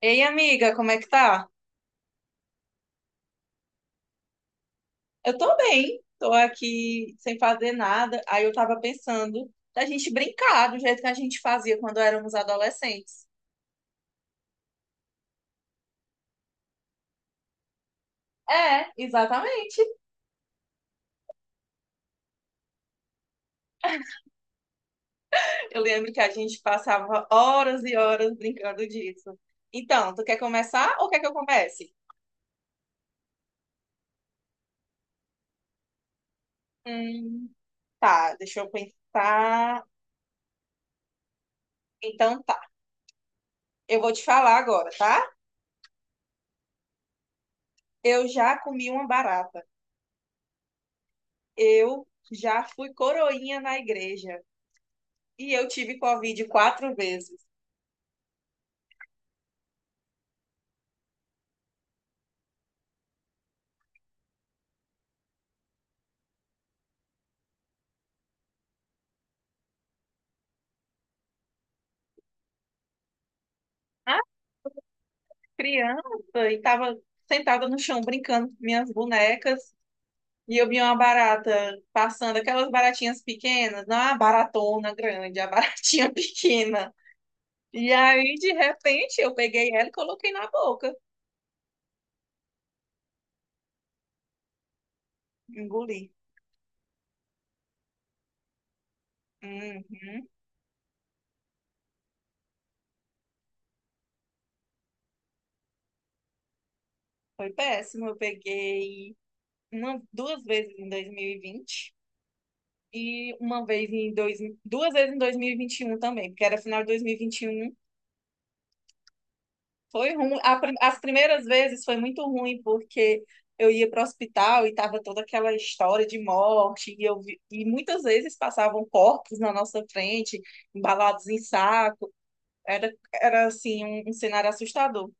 Ei, amiga, como é que tá? Eu tô bem, tô aqui sem fazer nada. Aí eu tava pensando da gente brincar do jeito que a gente fazia quando éramos adolescentes. É, exatamente. Eu lembro que a gente passava horas e horas brincando disso. Então, tu quer começar ou quer que eu comece? Hum, tá, deixa eu pensar. Então tá, eu vou te falar agora, tá? Eu já comi uma barata. Eu já fui coroinha na igreja. E eu tive Covid quatro vezes. Ah, criança, e tava sentada no chão brincando com minhas bonecas. E eu vi uma barata passando, aquelas baratinhas pequenas, não a baratona grande, a baratinha pequena. E aí, de repente, eu peguei ela e coloquei na boca, engoli. Uhum. Foi péssimo. Eu peguei, não, duas vezes em 2020 e vinte e uma vez em dois, duas vezes em 2021 também, porque era final de 2021. Foi ruim. As primeiras vezes foi muito ruim, porque eu ia para o hospital e tava toda aquela história de morte, e muitas vezes passavam corpos na nossa frente, embalados em saco. Era, era assim, um cenário assustador.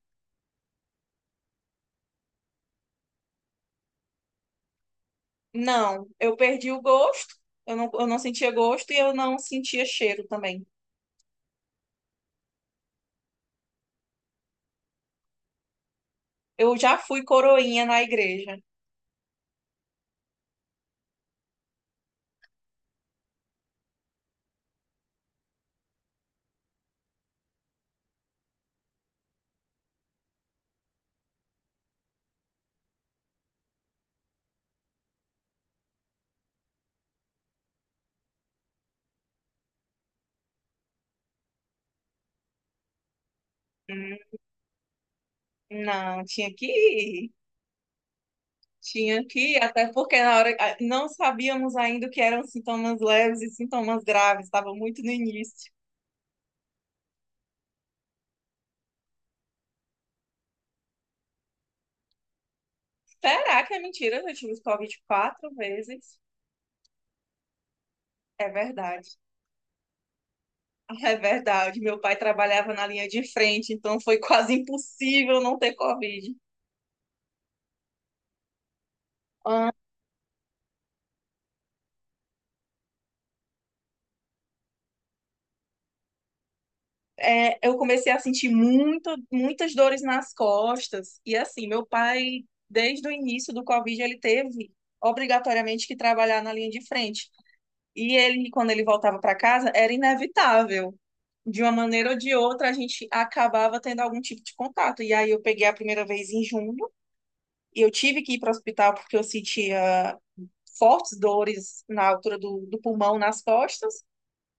Não, eu perdi o gosto, eu não sentia gosto e eu não sentia cheiro também. Eu já fui coroinha na igreja. Hum, Não, tinha que ir. Tinha que ir, até porque na hora não sabíamos ainda o que eram sintomas leves e sintomas graves, estava muito no início. Será que é mentira? Eu tive Covid quatro vezes. É verdade. É verdade. Meu pai trabalhava na linha de frente, então foi quase impossível não ter Covid. Ah, é, eu comecei a sentir muitas dores nas costas. E assim, meu pai, desde o início do Covid, ele teve obrigatoriamente que trabalhar na linha de frente. E ele, quando ele voltava para casa, era inevitável. De uma maneira ou de outra, a gente acabava tendo algum tipo de contato. E aí eu peguei a primeira vez em junho e eu tive que ir para o hospital porque eu sentia fortes dores na altura do pulmão, nas costas.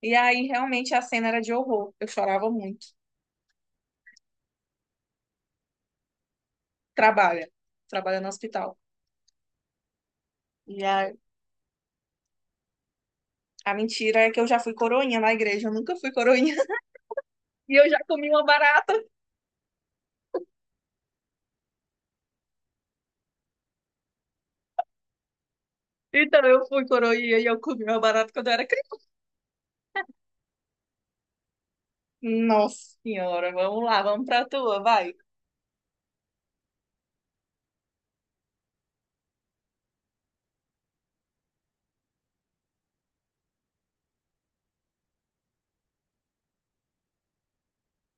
E aí realmente a cena era de horror. Eu chorava muito. Trabalha, trabalha no hospital. E a mentira é que eu já fui coroinha na igreja, eu nunca fui coroinha. E eu já comi uma barata. Então eu fui coroinha e eu comi uma barata quando eu era. Nossa senhora, vamos lá, vamos pra tua, vai.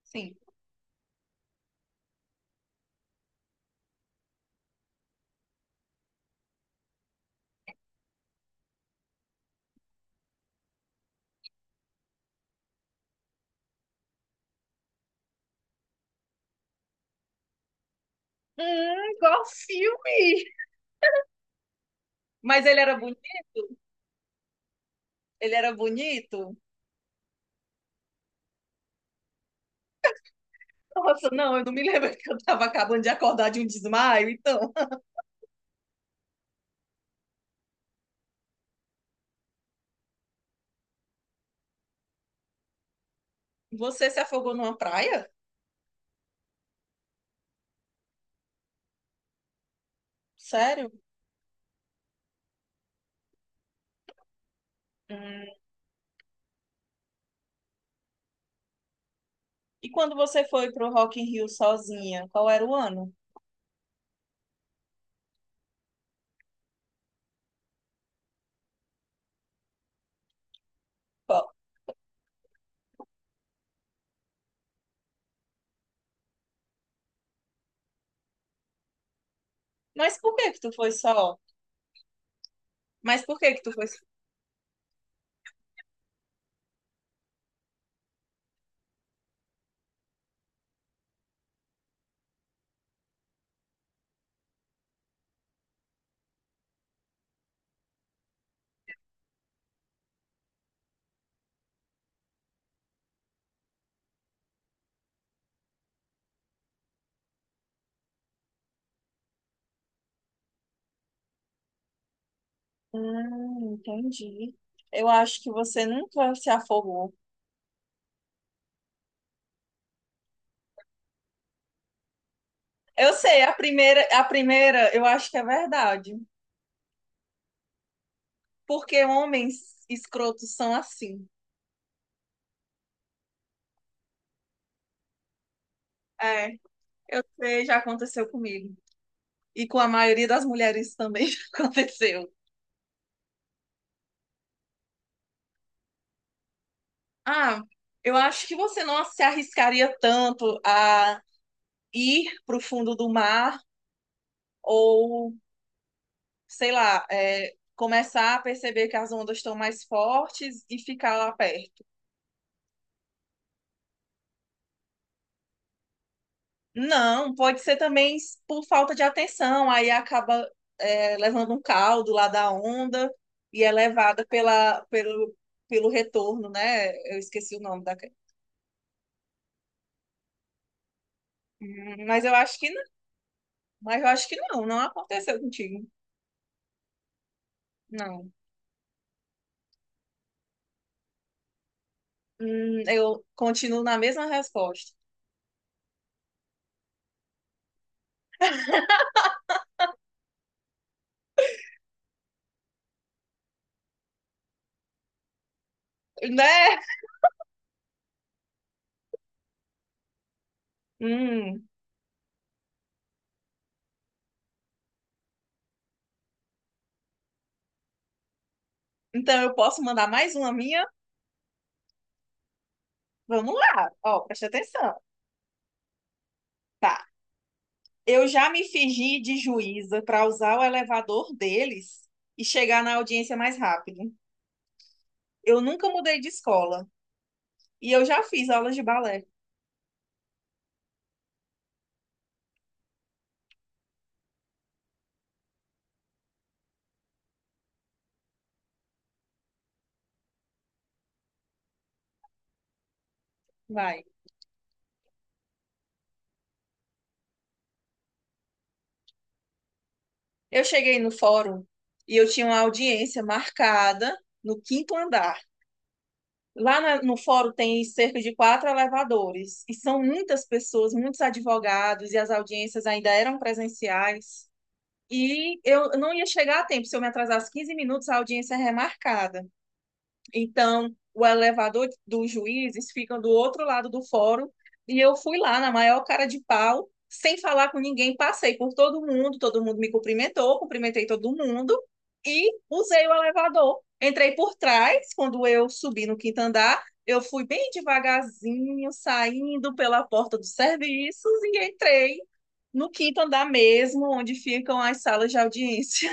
Sim. Igual filme. Mas ele era bonito? Ele era bonito? Nossa, não, eu não me lembro que eu tava acabando de acordar de um desmaio. Então, você se afogou numa praia? Sério? Hum. E quando você foi pro Rock in Rio sozinha, qual era o ano? Qual? Mas por que que tu foi só? Mas por que que tu foi só? Entendi. Eu acho que você nunca se afogou. Eu sei, a primeira, eu acho que é verdade. Porque homens escrotos são assim. É, eu sei, já aconteceu comigo. E com a maioria das mulheres também já aconteceu. Ah, eu acho que você não se arriscaria tanto a ir para o fundo do mar ou, sei lá, começar a perceber que as ondas estão mais fortes e ficar lá perto. Não, pode ser também por falta de atenção, aí acaba, levando um caldo lá da onda e é levada pelo retorno, né? Eu esqueci o nome da. Mas eu acho que não, não aconteceu contigo. Não. Eu continuo na mesma resposta. Né? Hum, então eu posso mandar mais uma minha? Vamos lá. Ó, preste atenção. Tá? Eu já me fingi de juíza para usar o elevador deles e chegar na audiência mais rápido. Eu nunca mudei de escola e eu já fiz aulas de balé. Vai. Eu cheguei no fórum e eu tinha uma audiência marcada no quinto andar. Lá no fórum tem cerca de quatro elevadores e são muitas pessoas, muitos advogados e as audiências ainda eram presenciais. E eu não ia chegar a tempo, se eu me atrasasse 15 minutos, a audiência é remarcada. Então, o elevador dos juízes fica do outro lado do fórum e eu fui lá na maior cara de pau, sem falar com ninguém, passei por todo mundo me cumprimentou, cumprimentei todo mundo e usei o elevador. Entrei por trás, quando eu subi no quinto andar, eu fui bem devagarzinho, saindo pela porta dos serviços e entrei no quinto andar mesmo, onde ficam as salas de audiência.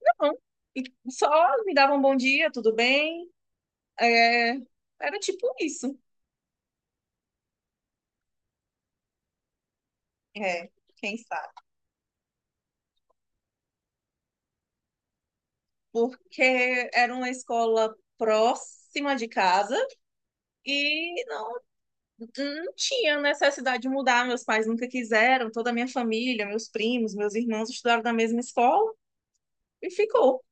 E só me davam um bom dia, tudo bem? É, era tipo isso. É, quem sabe? Porque era uma escola próxima de casa e não, não tinha necessidade de mudar. Meus pais nunca quiseram, toda a minha família, meus primos, meus irmãos estudaram na mesma escola e ficou.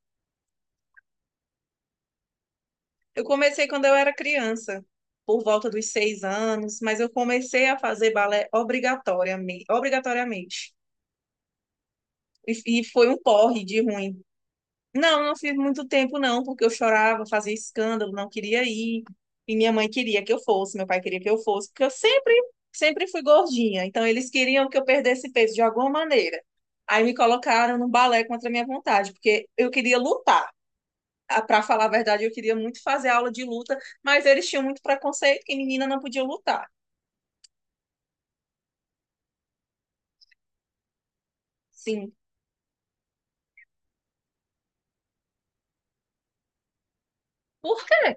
Eu comecei quando eu era criança, por volta dos 6 anos, mas eu comecei a fazer balé obrigatoriamente, obrigatoriamente. E foi um porre de ruim. Não, não fiz muito tempo, não, porque eu chorava, fazia escândalo, não queria ir. E minha mãe queria que eu fosse, meu pai queria que eu fosse, porque eu sempre, sempre fui gordinha. Então, eles queriam que eu perdesse peso de alguma maneira. Aí me colocaram no balé contra a minha vontade, porque eu queria lutar. Para falar a verdade, eu queria muito fazer aula de luta, mas eles tinham muito preconceito que menina não podia lutar. Sim. Por quê?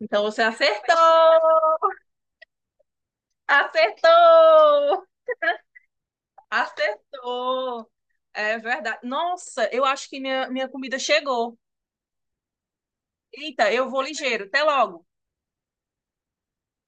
Então você acertou! Acertou! Acertou! É verdade. Nossa, eu acho que minha comida chegou. Eita, eu vou ligeiro. Até logo.